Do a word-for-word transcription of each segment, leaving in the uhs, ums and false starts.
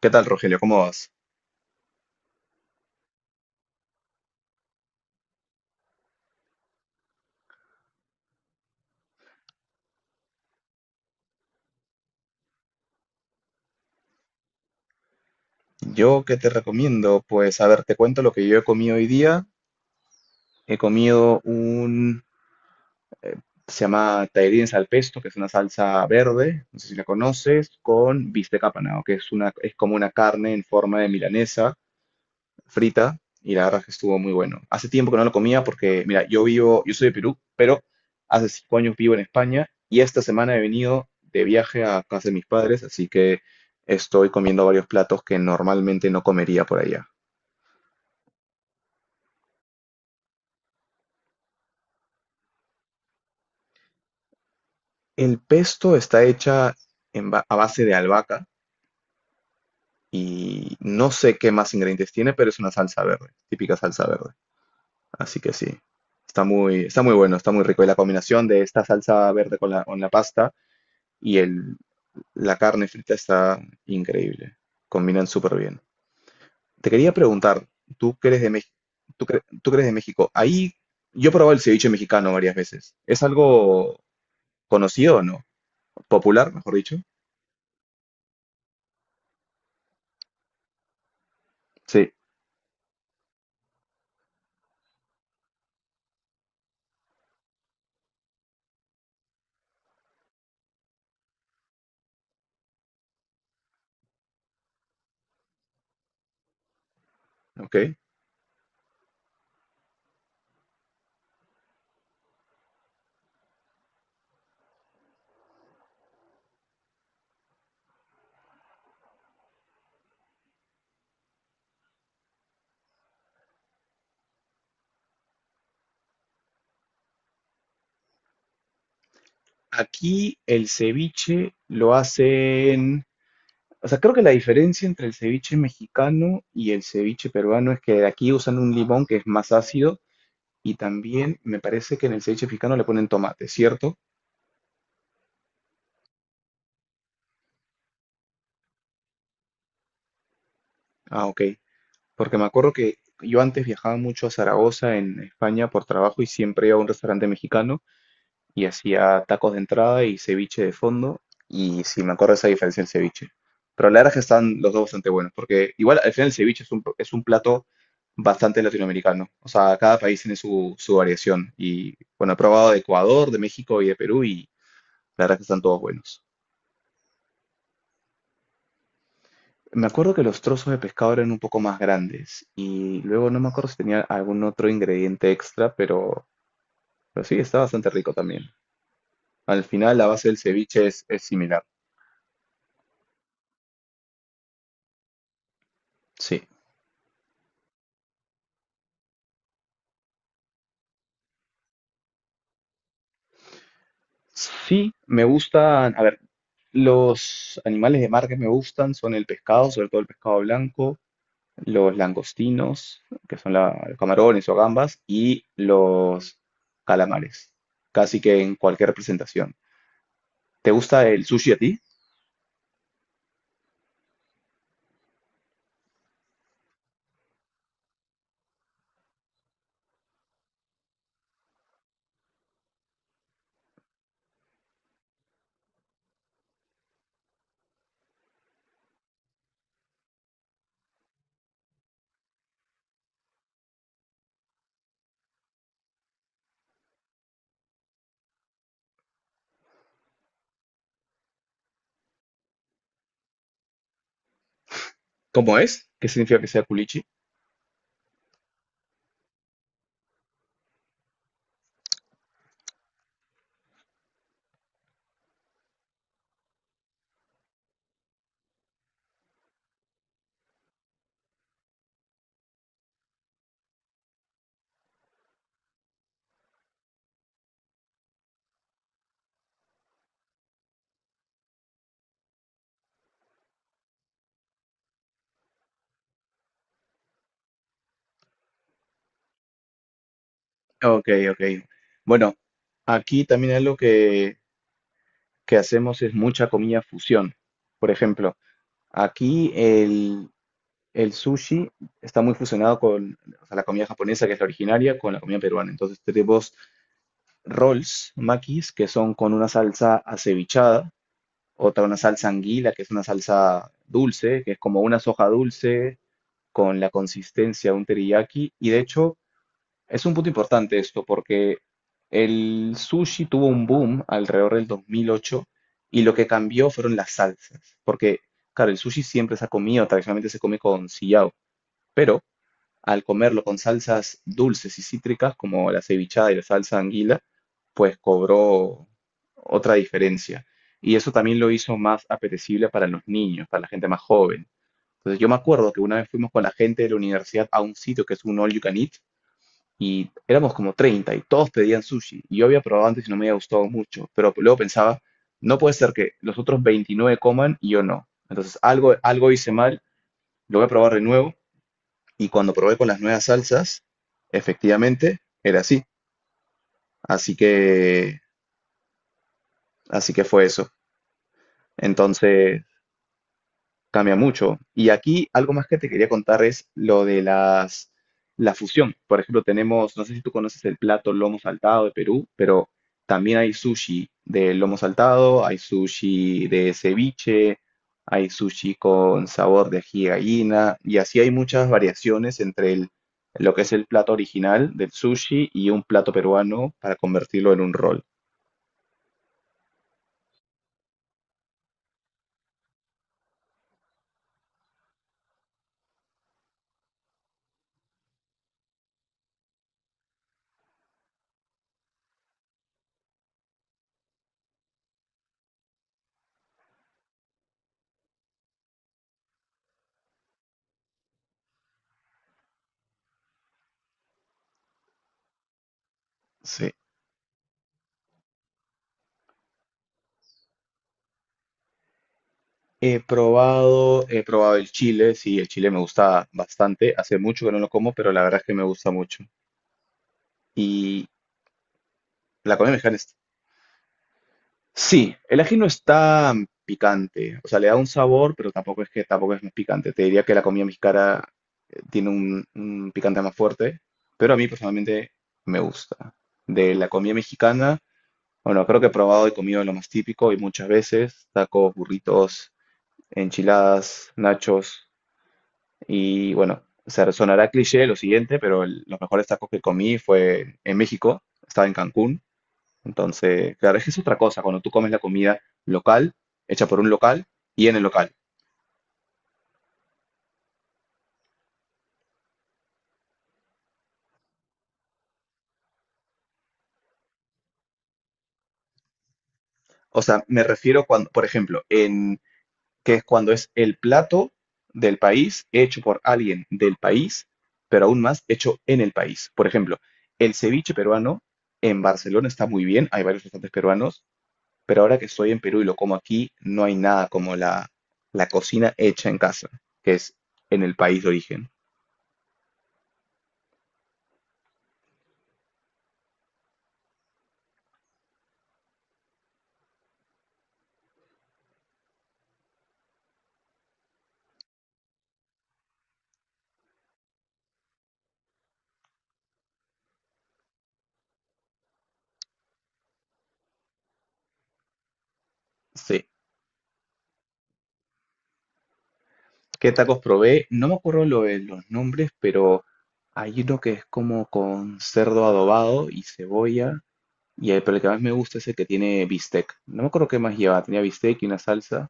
¿Qué tal, Rogelio? ¿Cómo vas? Yo que te recomiendo, pues a ver, te cuento lo que yo he comido hoy día. He comido un, se llama taerines al pesto, que es una salsa verde, no sé si la conoces, con bistec apanado, que es una, es como una carne en forma de milanesa frita, y la verdad es que estuvo muy bueno. Hace tiempo que no lo comía porque, mira, yo vivo, yo soy de Perú, pero hace cinco años vivo en España, y esta semana he venido de viaje a casa de mis padres, así que estoy comiendo varios platos que normalmente no comería por allá. El pesto está hecha en ba- a base de albahaca y no sé qué más ingredientes tiene, pero es una salsa verde, típica salsa verde. Así que sí, está muy, está muy bueno, está muy rico. Y la combinación de esta salsa verde con la, con la pasta y el, la carne frita está increíble. Combinan súper bien. Te quería preguntar, tú que eres de México, tú que- tú que eres de México, ahí yo he probado el ceviche mexicano varias veces. ¿Es algo conocido o no? ¿Popular, mejor dicho? Sí. Ok. Aquí el ceviche lo hacen, o sea, creo que la diferencia entre el ceviche mexicano y el ceviche peruano es que aquí usan un limón que es más ácido y también me parece que en el ceviche mexicano le ponen tomate, ¿cierto? Ah, ok. Porque me acuerdo que yo antes viajaba mucho a Zaragoza en España por trabajo y siempre iba a un restaurante mexicano y hacía tacos de entrada y ceviche de fondo. Y si me acuerdo esa diferencia el ceviche. Pero a la verdad es que están los dos bastante buenos, porque igual al final el ceviche es un, es un plato bastante latinoamericano. O sea, cada país tiene su, su variación. Y bueno, he probado de Ecuador, de México y de Perú y la verdad es que están todos buenos. Me acuerdo que los trozos de pescado eran un poco más grandes y luego no me acuerdo si tenía algún otro ingrediente extra, pero, pero sí, está bastante rico también. Al final la base del ceviche es, es similar. Sí. Sí, me gustan, a ver, los animales de mar que me gustan son el pescado, sobre todo el pescado blanco, los langostinos, que son la- los camarones o gambas, y los calamares, casi que en cualquier representación. ¿Te gusta el sushi a ti? ¿Cómo es? ¿Qué significa que sea culichi? Ok, ok. Bueno, aquí también algo que, que hacemos es mucha comida fusión. Por ejemplo, aquí el sushi está muy fusionado con, o sea, la comida japonesa, que es la originaria, con la comida peruana. Entonces tenemos rolls, makis, que son con una salsa acevichada, otra una salsa anguila, que es una salsa dulce, que es como una soja dulce con la consistencia de un teriyaki. Y de hecho, es un punto importante esto, porque el sushi tuvo un boom alrededor del dos mil ocho y lo que cambió fueron las salsas, porque, claro, el sushi siempre se ha comido, tradicionalmente se come con sillao, pero al comerlo con salsas dulces y cítricas como la cevichada y la salsa anguila, pues cobró otra diferencia. Y eso también lo hizo más apetecible para los niños, para la gente más joven. Entonces yo me acuerdo que una vez fuimos con la gente de la universidad a un sitio que es un all you can eat y éramos como treinta y todos pedían sushi. Y yo había probado antes y no me había gustado mucho, pero luego pensaba, no puede ser que los otros veintinueve coman y yo no. Entonces algo, algo hice mal, lo voy a probar de nuevo y cuando probé con las nuevas salsas, efectivamente era así. Así que, así que fue eso. Entonces, cambia mucho. Y aquí algo más que te quería contar es lo de las, la fusión. Por ejemplo, tenemos, no sé si tú conoces el plato lomo saltado de Perú, pero también hay sushi de lomo saltado, hay sushi de ceviche, hay sushi con sabor de ají de gallina, y así hay muchas variaciones entre el- lo que es el plato original del sushi y un plato peruano para convertirlo en un rol. Sí. He probado, he probado el chile, sí, el chile me gusta bastante. Hace mucho que no lo como, pero la verdad es que me gusta mucho. Y la comida mexicana es... Sí, el ají no es tan picante, o sea, le da un sabor, pero tampoco es que tampoco es muy picante. Te diría que la comida mexicana eh, tiene un, un picante más fuerte, pero a mí personalmente me gusta. De la comida mexicana, bueno, creo que he probado y comido lo más típico y muchas veces, tacos, burritos, enchiladas, nachos. Y bueno, o sea, sonará cliché lo siguiente, pero el- los mejores tacos que comí fue en México, estaba en Cancún. Entonces, claro, es que es otra cosa cuando tú comes la comida local, hecha por un local y en el local. O sea, me refiero cuando, por ejemplo, en que es cuando es el plato del país hecho por alguien del país, pero aún más hecho en el país. Por ejemplo, el ceviche peruano en Barcelona está muy bien, hay varios restaurantes peruanos, pero ahora que estoy en Perú y lo como aquí, no hay nada como la, la cocina hecha en casa, que es en el país de origen. Sí. ¿Qué tacos probé? No me acuerdo lo de los nombres, pero hay uno que es como con cerdo adobado y cebolla. Y el, pero el que más me gusta es el que tiene bistec. No me acuerdo qué más lleva. Tenía bistec y una salsa.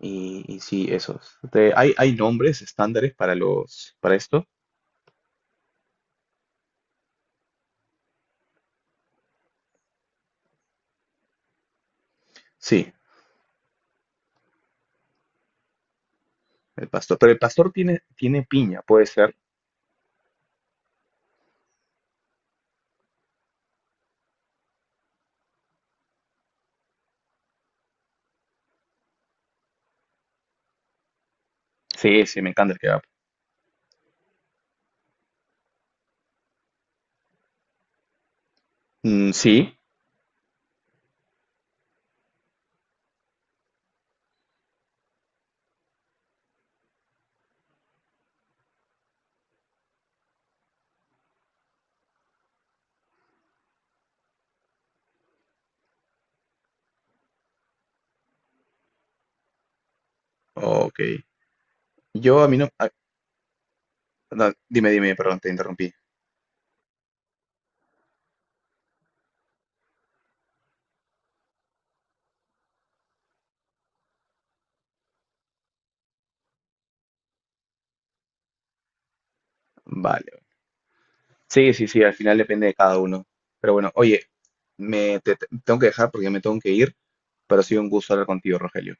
Y, y sí, esos. Te- hay, hay nombres estándares para los, para esto. Sí, el pastor. Pero el pastor tiene, tiene piña, puede ser. Sí, sí, me encanta el que mm, sí, ok. Yo a mí no... a- no, dime, dime, perdón, te interrumpí. Vale. Sí, sí, sí, al final depende de cada uno. Pero bueno, oye, me te- te- tengo que dejar porque me tengo que ir, pero ha sido un gusto hablar contigo, Rogelio.